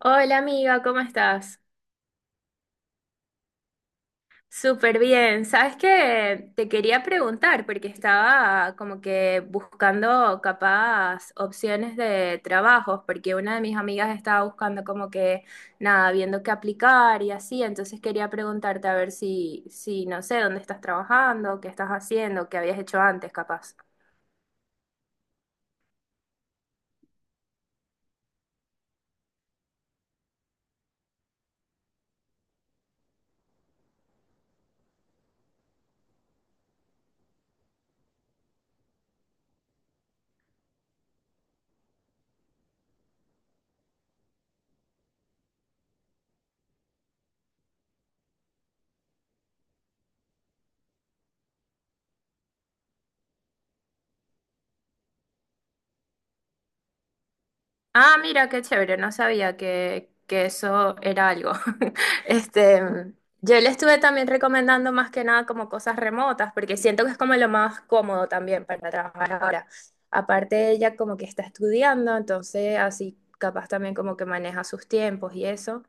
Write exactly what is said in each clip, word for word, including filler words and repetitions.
Hola amiga, ¿cómo estás? Súper bien. ¿Sabes qué? Te quería preguntar porque estaba como que buscando capaz opciones de trabajos porque una de mis amigas estaba buscando como que nada, viendo qué aplicar y así, entonces quería preguntarte a ver si, si no sé, dónde estás trabajando, qué estás haciendo, qué habías hecho antes capaz. Ah, mira, qué chévere, no sabía que, que eso era algo. Este, mm, yo le estuve también recomendando más que nada como cosas remotas, porque siento que es como lo más cómodo también para trabajar ahora. Aparte, ella como que está estudiando, entonces así capaz también como que maneja sus tiempos y eso.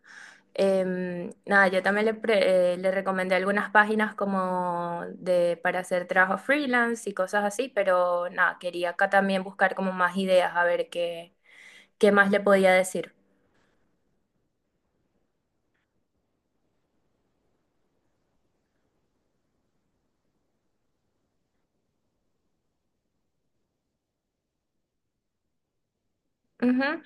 Em, nada, yo también le, pre- eh, le recomendé algunas páginas como de, para hacer trabajo freelance y cosas así, pero nada, quería acá también buscar como más ideas, a ver qué. ¿Qué más le podía decir? Ujú.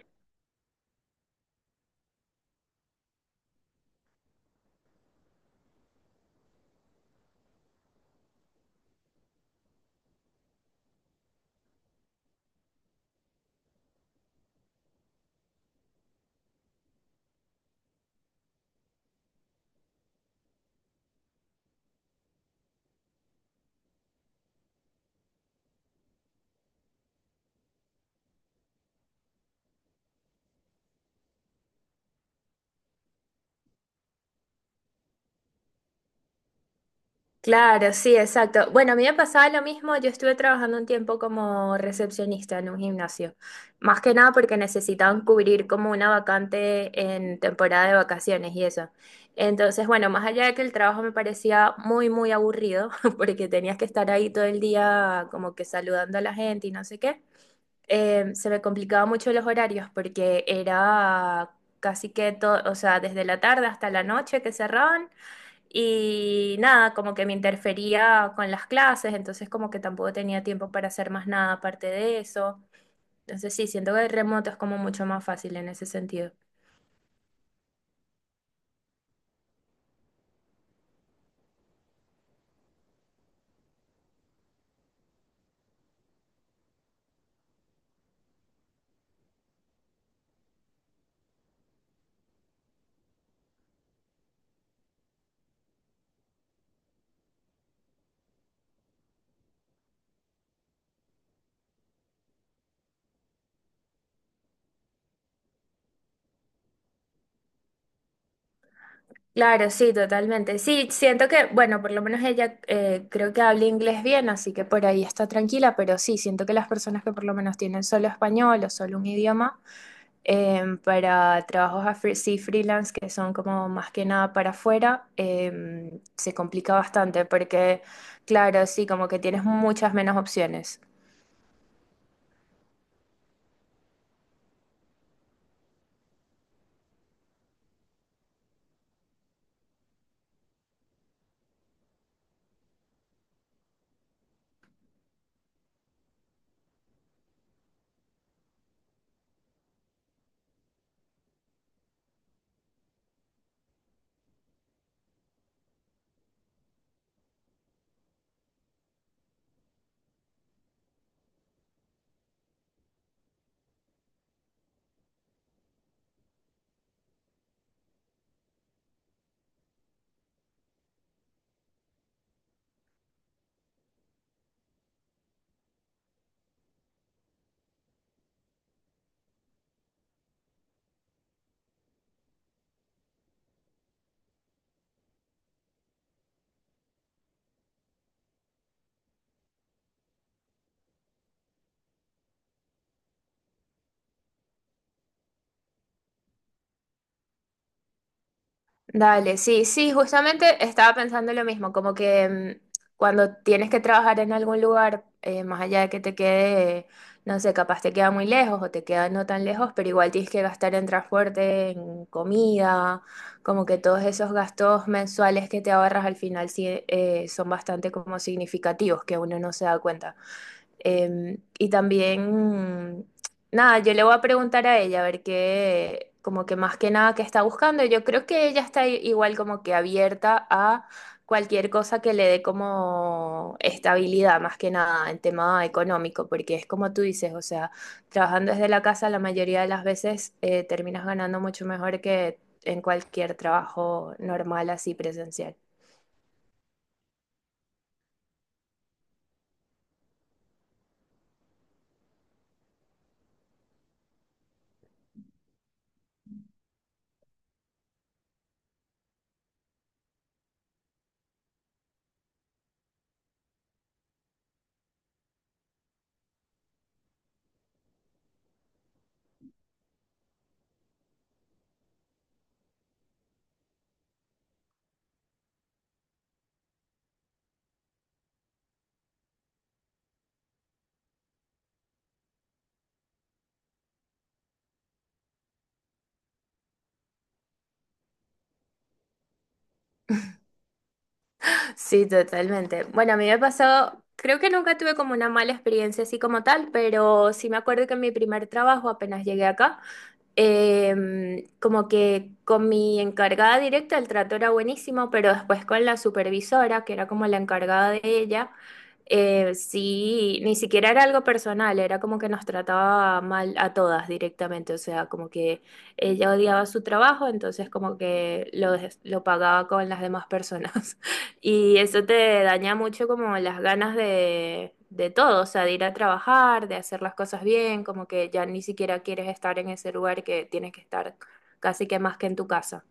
Claro, sí, exacto. Bueno, a mí me pasaba lo mismo, yo estuve trabajando un tiempo como recepcionista en un gimnasio, más que nada porque necesitaban cubrir como una vacante en temporada de vacaciones y eso. Entonces, bueno, más allá de que el trabajo me parecía muy, muy aburrido, porque tenías que estar ahí todo el día como que saludando a la gente y no sé qué, eh, se me complicaba mucho los horarios porque era casi que todo, o sea, desde la tarde hasta la noche que cerraban. Y nada, como que me interfería con las clases, entonces como que tampoco tenía tiempo para hacer más nada aparte de eso. Entonces sí, siento que el remoto es como mucho más fácil en ese sentido. Claro, sí, totalmente. Sí, siento que, bueno, por lo menos ella eh, creo que habla inglés bien, así que por ahí está tranquila, pero sí, siento que las personas que por lo menos tienen solo español o solo un idioma, em, para trabajos a fre- sí, freelance, que son como más que nada para afuera, em, se complica bastante porque, claro, sí, como que tienes muchas menos opciones. Dale, sí, sí, justamente estaba pensando lo mismo, como que mm, cuando tienes que trabajar en algún lugar, eh, más allá de que te quede, no sé, capaz te queda muy lejos o te queda no tan lejos, pero igual tienes que gastar en transporte, en comida, como que todos esos gastos mensuales que te ahorras al final sí, eh, son bastante como significativos, que uno no se da cuenta. Em, y también, nada, yo le voy a preguntar a ella a ver qué, como que más que nada qué está buscando. Yo creo que ella está i- igual como que abierta a cualquier cosa que le dé como estabilidad, más que nada en tema económico, porque es como tú dices, o sea, trabajando desde la casa la mayoría de las veces eh, terminas ganando mucho mejor que en cualquier trabajo normal así presencial. Sí, totalmente. Bueno, a mí me pasó, creo que nunca tuve como una mala experiencia así como tal, pero sí me acuerdo que en mi primer trabajo, apenas llegué acá, em, como que con mi encargada directa el trato era buenísimo, pero después con la supervisora, que era como la encargada de ella, eh, sí, ni siquiera era algo personal, era como que nos trataba mal a todas directamente, o sea, como que ella odiaba su trabajo, entonces como que lo, des- lo pagaba con las demás personas. Y eso te daña mucho como las ganas de, de todo, o sea, de ir a trabajar, de hacer las cosas bien, como que ya ni siquiera quieres estar en ese lugar que tienes que estar casi que más que en tu casa.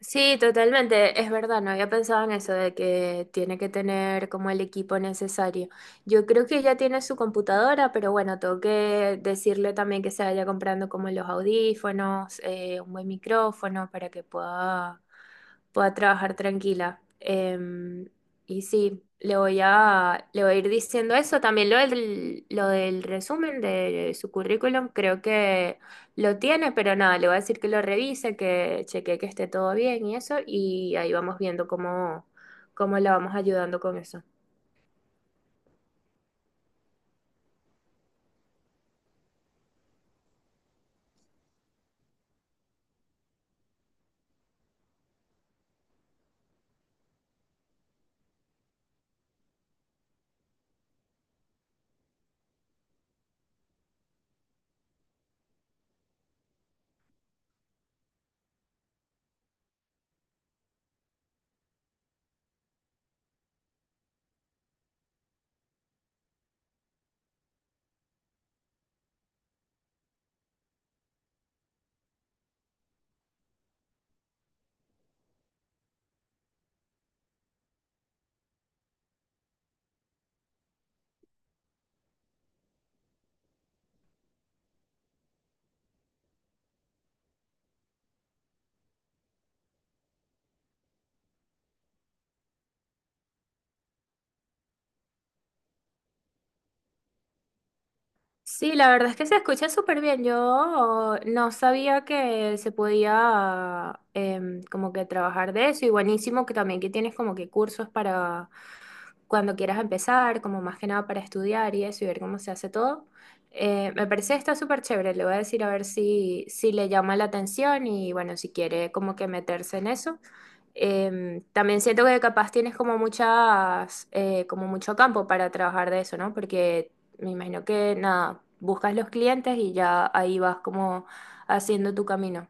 Sí, totalmente, es verdad, no había pensado en eso de que tiene que tener como el equipo necesario. Yo creo que ya tiene su computadora, pero bueno, tengo que decirle también que se vaya comprando como los audífonos, eh, un buen micrófono para que pueda pueda trabajar tranquila. Em, y sí, le voy a, le voy a ir diciendo eso. También lo del, lo del resumen de su currículum, creo que lo tiene, pero nada, le voy a decir que lo revise, que chequee que esté todo bien y eso, y ahí vamos viendo cómo, cómo la vamos ayudando con eso. Sí, la verdad es que se escucha súper bien. Yo no sabía que se podía em, como que trabajar de eso y buenísimo que también que tienes como que cursos para cuando quieras empezar, como más que nada para estudiar y eso y ver cómo se hace todo. Eh, me parece que está súper chévere, le voy a decir a ver si, si le llama la atención y bueno, si quiere como que meterse en eso. Em, también siento que capaz tienes como muchas, eh, como mucho campo para trabajar de eso, ¿no? Porque me imagino que nada, buscas los clientes y ya ahí vas como haciendo tu camino.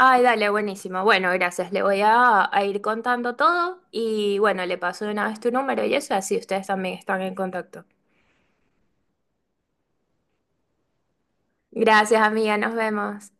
Ay, dale, buenísimo. Bueno, gracias. Le voy a, a ir contando todo y bueno, le paso de una vez tu número y eso, así ustedes también están en contacto. Gracias, amiga. Nos vemos.